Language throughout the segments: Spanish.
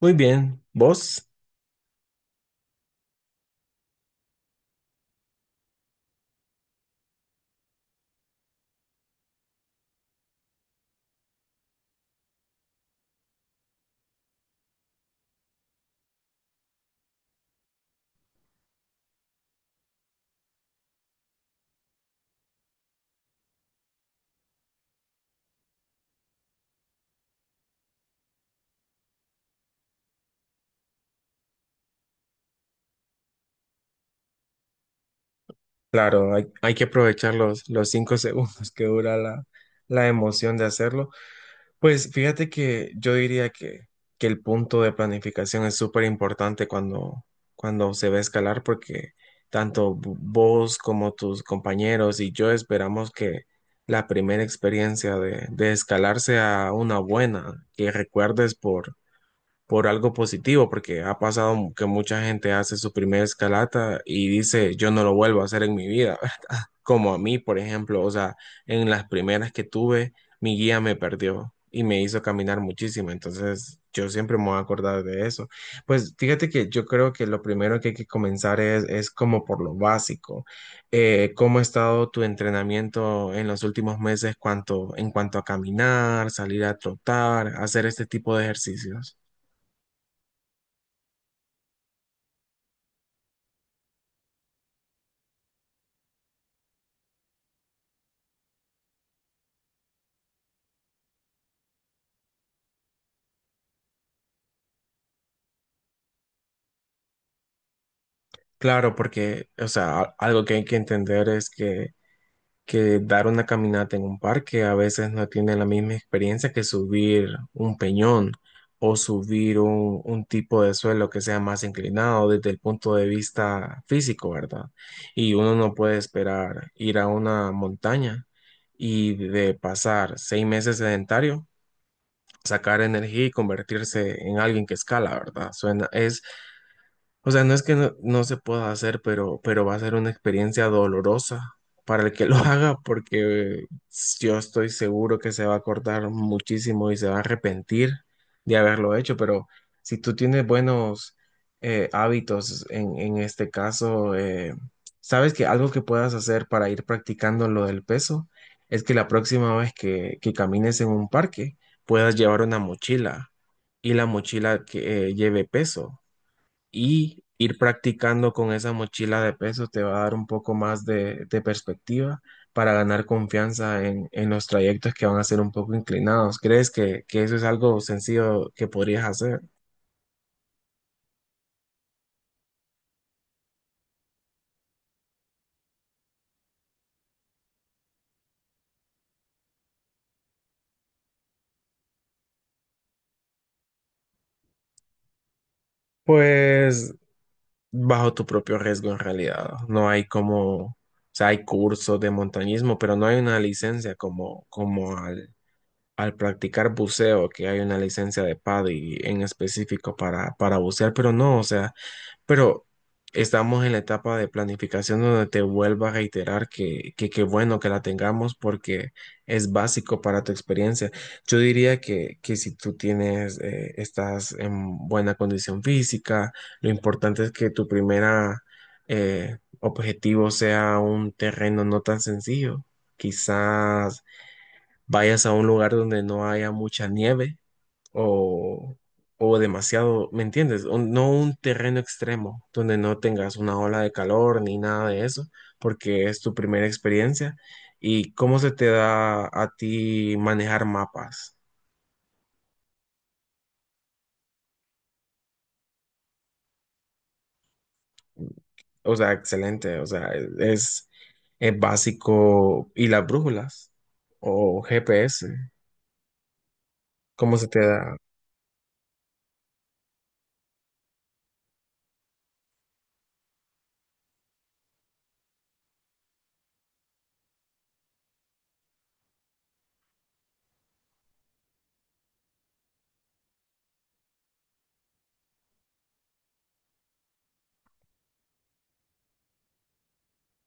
Muy bien, vos, claro, hay que aprovechar los cinco segundos que dura la emoción de hacerlo. Pues fíjate que yo diría que el punto de planificación es súper importante cuando se va a escalar porque tanto vos como tus compañeros y yo esperamos que la primera experiencia de escalar sea una buena, que recuerdes por algo positivo, porque ha pasado que mucha gente hace su primera escalata y dice, yo no lo vuelvo a hacer en mi vida, como a mí, por ejemplo, o sea, en las primeras que tuve, mi guía me perdió y me hizo caminar muchísimo, entonces yo siempre me voy a acordar de eso. Pues fíjate que yo creo que lo primero que hay que comenzar es como por lo básico. ¿Cómo ha estado tu entrenamiento en los últimos meses en cuanto a caminar, salir a trotar, hacer este tipo de ejercicios? Claro, porque, o sea, algo que hay que entender es que dar una caminata en un parque a veces no tiene la misma experiencia que subir un peñón o subir un tipo de suelo que sea más inclinado desde el punto de vista físico, ¿verdad? Y uno no puede esperar ir a una montaña y de pasar seis meses sedentario, sacar energía y convertirse en alguien que escala, ¿verdad? Suena, es, o sea, no es que no se pueda hacer, pero va a ser una experiencia dolorosa para el que lo haga, porque yo estoy seguro que se va a acordar muchísimo y se va a arrepentir de haberlo hecho, pero si tú tienes buenos hábitos en este caso, sabes que algo que puedas hacer para ir practicando lo del peso es que la próxima vez que camines en un parque puedas llevar una mochila y la mochila que lleve peso y ir practicando con esa mochila de peso te va a dar un poco más de perspectiva para ganar confianza en los trayectos que van a ser un poco inclinados. ¿Crees que eso es algo sencillo que podrías hacer? Pues bajo tu propio riesgo en realidad. No hay como, o sea, hay cursos de montañismo, pero no hay una licencia como al practicar buceo, que hay una licencia de PADI en específico para bucear, pero no, o sea, pero estamos en la etapa de planificación donde te vuelvo a reiterar que qué bueno que la tengamos porque es básico para tu experiencia. Yo diría que si tú tienes, estás en buena condición física, lo importante es que tu primera objetivo sea un terreno no tan sencillo. Quizás vayas a un lugar donde no haya mucha nieve o, o demasiado, ¿me entiendes? No un terreno extremo donde no tengas una ola de calor ni nada de eso, porque es tu primera experiencia. ¿Y cómo se te da a ti manejar mapas? O sea, excelente, o sea, es, es básico. ¿Y las brújulas? ¿O GPS? ¿Cómo se te da?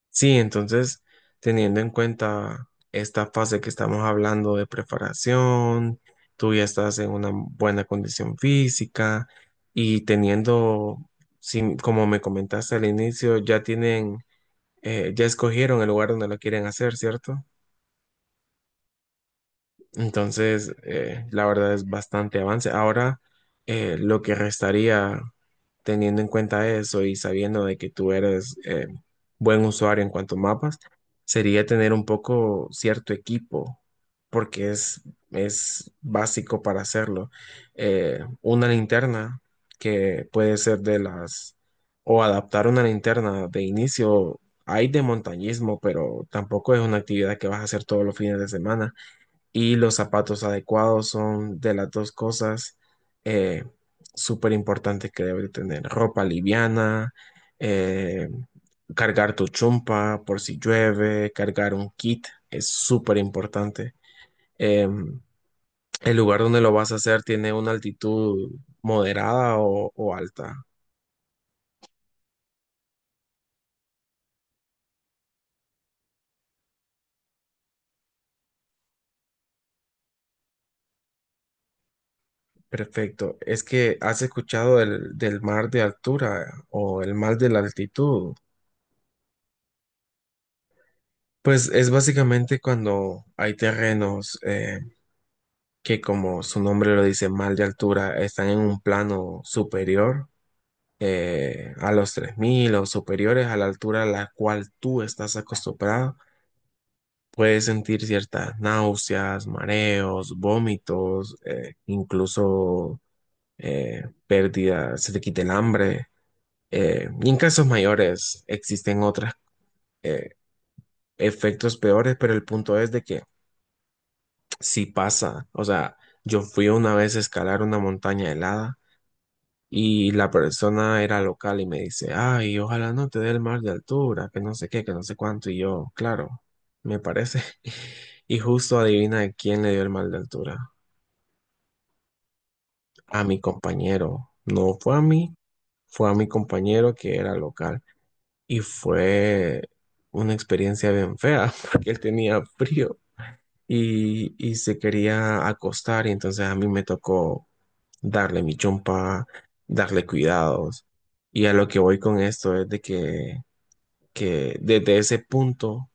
Sí, entonces, teniendo en cuenta esta fase que estamos hablando de preparación, tú ya estás en una buena condición física y teniendo, sí, como me comentaste al inicio, ya tienen, ya escogieron el lugar donde lo quieren hacer, ¿cierto? Entonces, la verdad es bastante avance. Ahora, lo que restaría teniendo en cuenta eso y sabiendo de que tú eres buen usuario en cuanto a mapas, sería tener un poco cierto equipo, porque es básico para hacerlo. Una linterna que puede ser de las, o adaptar una linterna de inicio. Hay de montañismo, pero tampoco es una actividad que vas a hacer todos los fines de semana y los zapatos adecuados son de las dos cosas eh, súper importantes que debe tener. Ropa liviana, eh, cargar tu chumpa por si llueve, cargar un kit es súper importante. Eh, el lugar donde lo vas a hacer tiene una altitud moderada o alta. Perfecto. Es que has escuchado del mar de altura o el mar de la altitud. Pues es básicamente cuando hay terrenos que como su nombre lo dice, mal de altura, están en un plano superior a los 3.000 o superiores a la altura a la cual tú estás acostumbrado. Puedes sentir ciertas náuseas, mareos, vómitos, incluso pérdida, se te quita el hambre. Y en casos mayores existen otros efectos peores, pero el punto es de que si pasa, o sea, yo fui una vez a escalar una montaña helada. Y la persona era local y me dice, ay, ojalá no te dé el mal de altura, que no sé qué, que no sé cuánto. Y yo, claro, me parece. Y justo adivina de quién le dio el mal de altura. A mi compañero. No fue a mí, fue a mi compañero que era local. Y fue una experiencia bien fea porque él tenía frío. Y se quería acostar y entonces a mí me tocó darle mi chompa, darle cuidados. Y a lo que voy con esto es de que desde ese punto,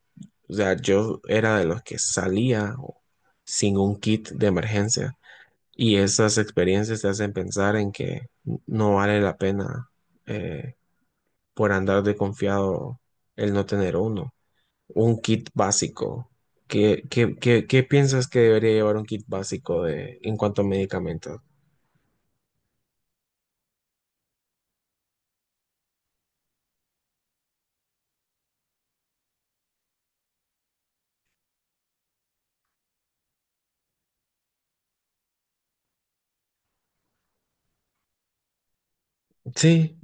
o sea, yo era de los que salía sin un kit de emergencia. Y esas experiencias te hacen pensar en que no vale la pena eh, por andar de confiado el no tener uno. Un kit básico. ¿Qué piensas que debería llevar un kit básico de, en cuanto a medicamentos? Sí,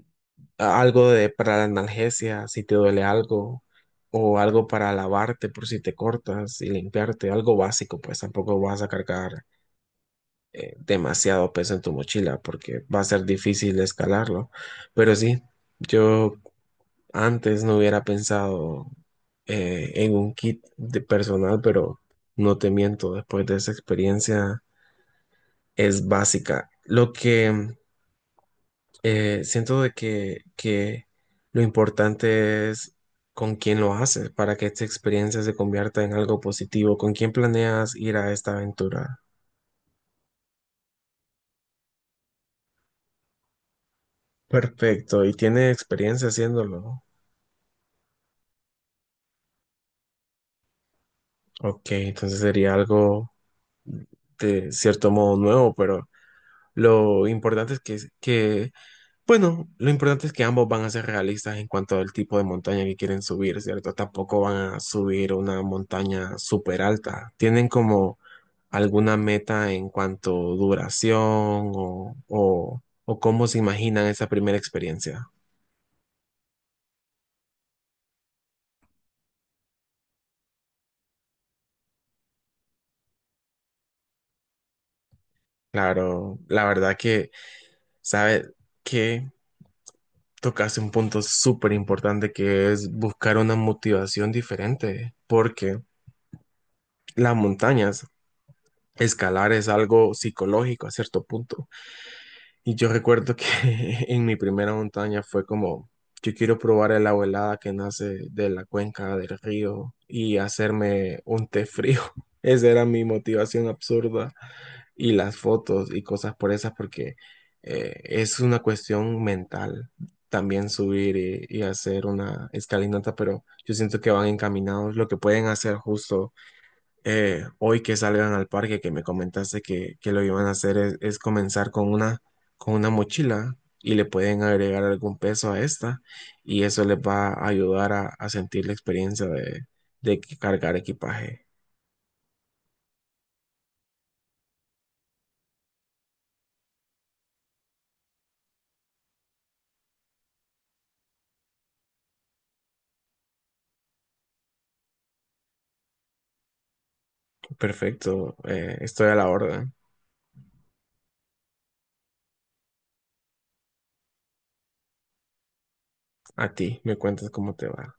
algo de, para la analgesia, si te duele algo, o algo para lavarte por si te cortas y limpiarte, algo básico, pues tampoco vas a cargar demasiado peso en tu mochila porque va a ser difícil escalarlo. Pero sí, yo antes no hubiera pensado en un kit de personal, pero no te miento, después de esa experiencia es básica. Lo que siento de que lo importante es con quién lo haces para que esta experiencia se convierta en algo positivo, con quién planeas ir a esta aventura. Perfecto, y tiene experiencia haciéndolo. Ok, entonces sería algo de cierto modo nuevo, pero lo importante es que bueno, lo importante es que ambos van a ser realistas en cuanto al tipo de montaña que quieren subir, ¿cierto? Tampoco van a subir una montaña súper alta. ¿Tienen como alguna meta en cuanto duración o cómo se imaginan esa primera experiencia? Claro, la verdad que, ¿sabe que tocaste un punto súper importante que es buscar una motivación diferente, porque las montañas, escalar es algo psicológico a cierto punto. Y yo recuerdo que en mi primera montaña fue como, yo quiero probar el agua helada que nace de la cuenca del río y hacerme un té frío. Esa era mi motivación absurda. Y las fotos y cosas por esas, porque es una cuestión mental también subir y hacer una escalinata, pero yo siento que van encaminados. Lo que pueden hacer justo hoy que salgan al parque, que me comentaste que lo iban a hacer, es comenzar con una, mochila y le pueden agregar algún peso a esta y eso les va a ayudar a sentir la experiencia de cargar equipaje. Perfecto, estoy a la orden. A ti, me cuentas cómo te va.